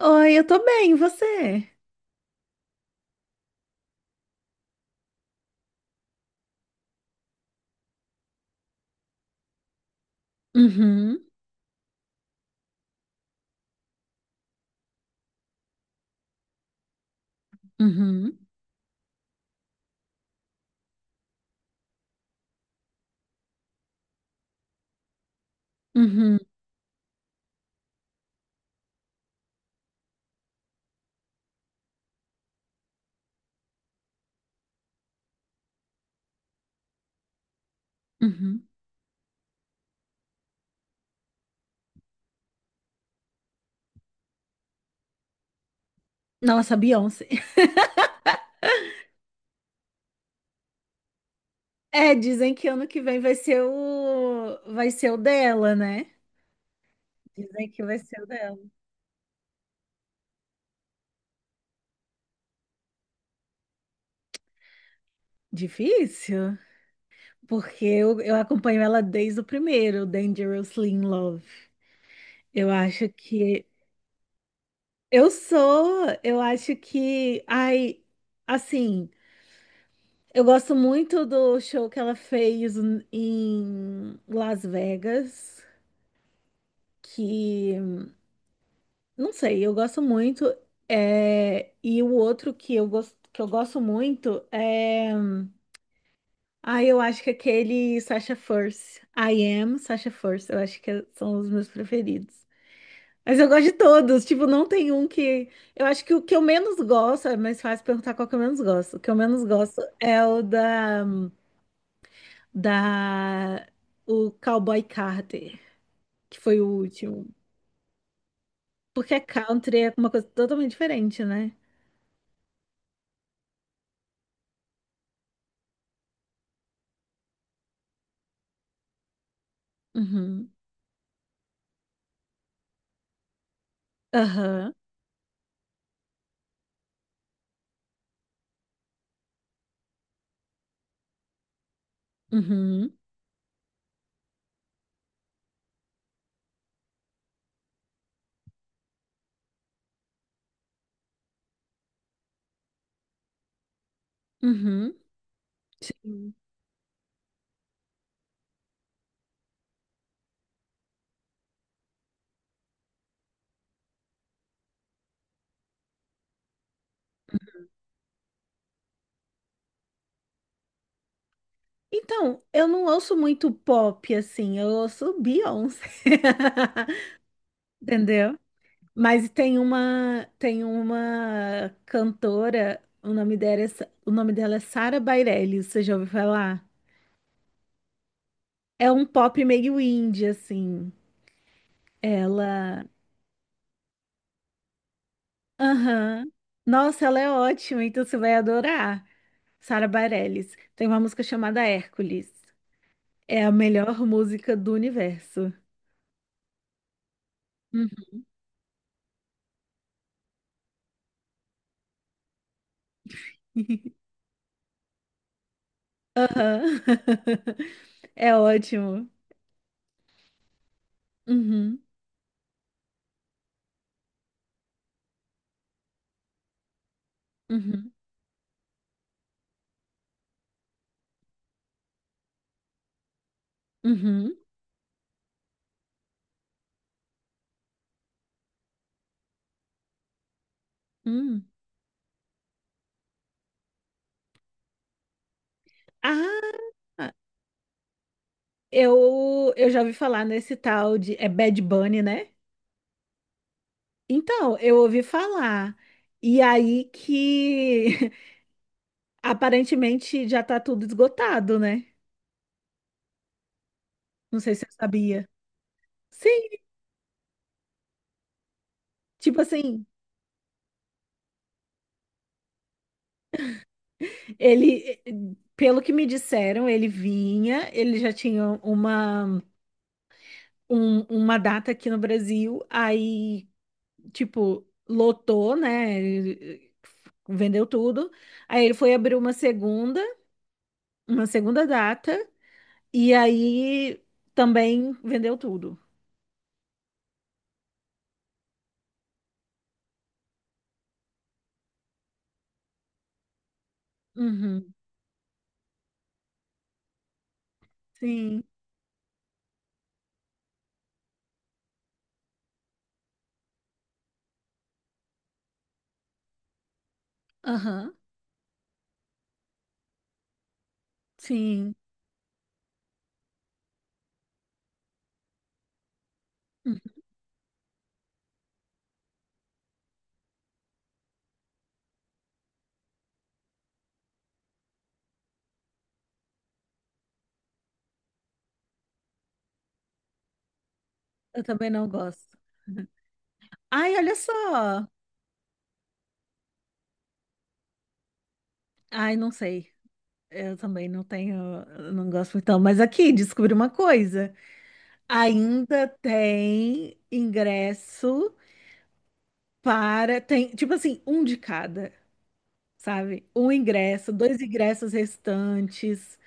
Oi, eu tô bem, e você? Uhum, uhum, uhum, uhum. Nossa, Beyoncé. É, dizem que ano que vem vai ser o dela, né? Dizem que vai ser o dela. Difícil, porque eu acompanho ela desde o primeiro, Dangerously in Love. Eu acho que eu sou, eu acho que assim, eu gosto muito do show que ela fez em Las Vegas, que não sei, eu gosto muito. É, e o outro que eu gosto muito é, eu acho que é aquele Sasha Fierce, I Am Sasha Fierce, eu acho que é, são os meus preferidos. Mas eu gosto de todos, tipo, não tem um que... Eu acho que o que eu menos gosto, é mais fácil perguntar qual que eu menos gosto. O que eu menos gosto é o da da o Cowboy Carter, que foi o último. Porque country é uma coisa totalmente diferente, né? Uhum. Aham. Uhum. Uhum. Sim. Então, eu não ouço muito pop assim, eu ouço Beyoncé. Entendeu? Mas tem uma cantora, o nome dela é, o nome dela é Sara Bareilles, você já ouviu falar? É um pop meio indie assim. Ela, aham. Nossa, ela é ótima, então você vai adorar. Sara Bareilles. Tem uma música chamada Hércules. É a melhor música do universo. Uhum. Aham. É ótimo. Uhum, uhum, uhum, hum. Ah, eu já ouvi falar nesse tal de. É Bad Bunny, né? Então, eu ouvi falar. E aí que aparentemente já tá tudo esgotado, né? Não sei se você sabia. Sim, tipo assim, ele, pelo que me disseram, ele vinha, ele já tinha uma, uma data aqui no Brasil, aí tipo, lotou, né? Vendeu tudo. Aí ele foi abrir uma segunda, data, e aí também vendeu tudo. Uhum. Sim. Aham. Sim. Uhum. Eu também não gosto. Ai, olha só. Ai, não sei. Eu também não tenho, eu não gosto então. Mas aqui, descobri uma coisa. Ainda tem ingresso para, tem, tipo assim, um de cada, sabe? Um ingresso, dois ingressos restantes,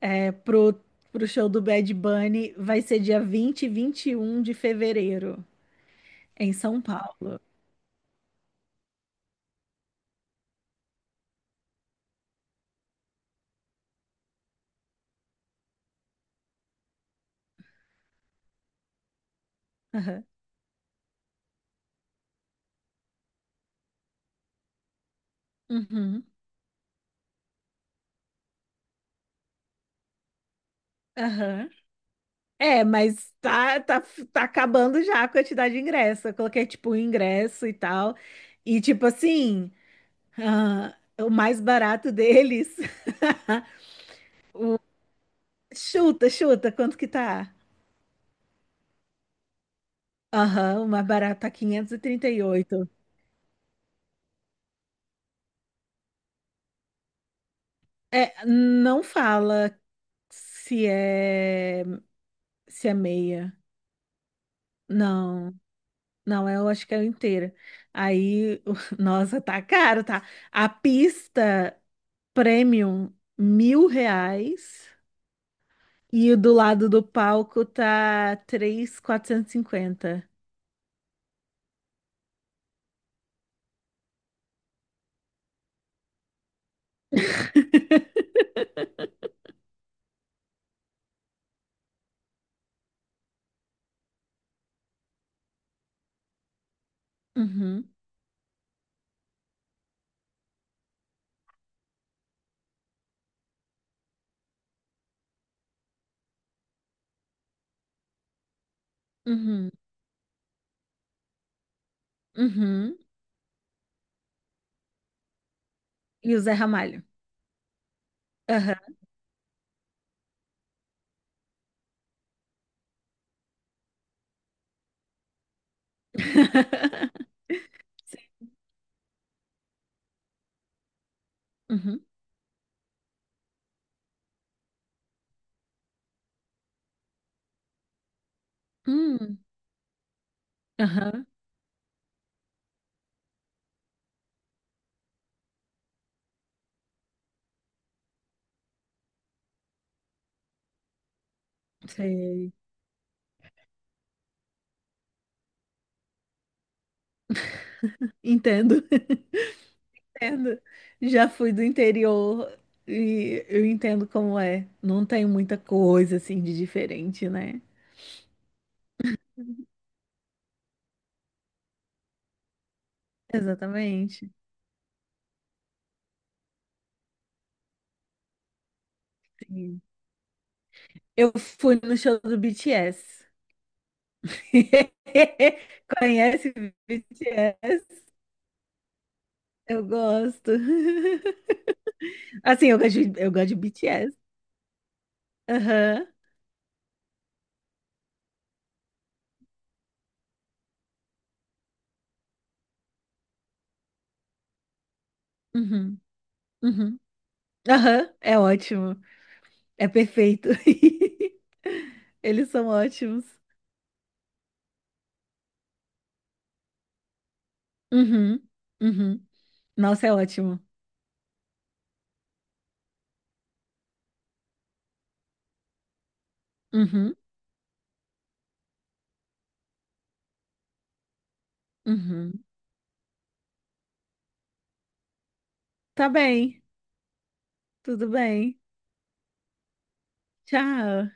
é, pro show do Bad Bunny, vai ser dia 20 e 21 de fevereiro, em São Paulo. Aham. Uhum. Aham. É, mas tá acabando já a quantidade de ingresso. Eu coloquei, tipo, um ingresso e tal. E, tipo assim, ah, o mais barato deles. Chuta, quanto que tá? Aham, o mais barato tá quinhentos e trinta e oito. É, não fala se é se é meia. Não, não, é, eu acho que é inteira. Aí, nossa, tá caro, tá? A pista premium, R$ 1.000. E o do lado do palco tá 3.450. Uhum, uhum, uhum. E o Zé Ramalho. Aham. Uhum. Hum, aham. Sei. Entendo, entendo. Já fui do interior e eu entendo como é. Não tem muita coisa assim de diferente, né? Exatamente. Sim. Eu fui no show do BTS. Conhece BTS? Eu gosto. Assim, eu gosto de BTS. Aham. Uhum. Uhum. Aham. É ótimo. É perfeito. Eles são ótimos. Uhum. Uhum. Nossa, é ótimo. Uhum. Uhum. Tá bem, tudo bem. Tchau.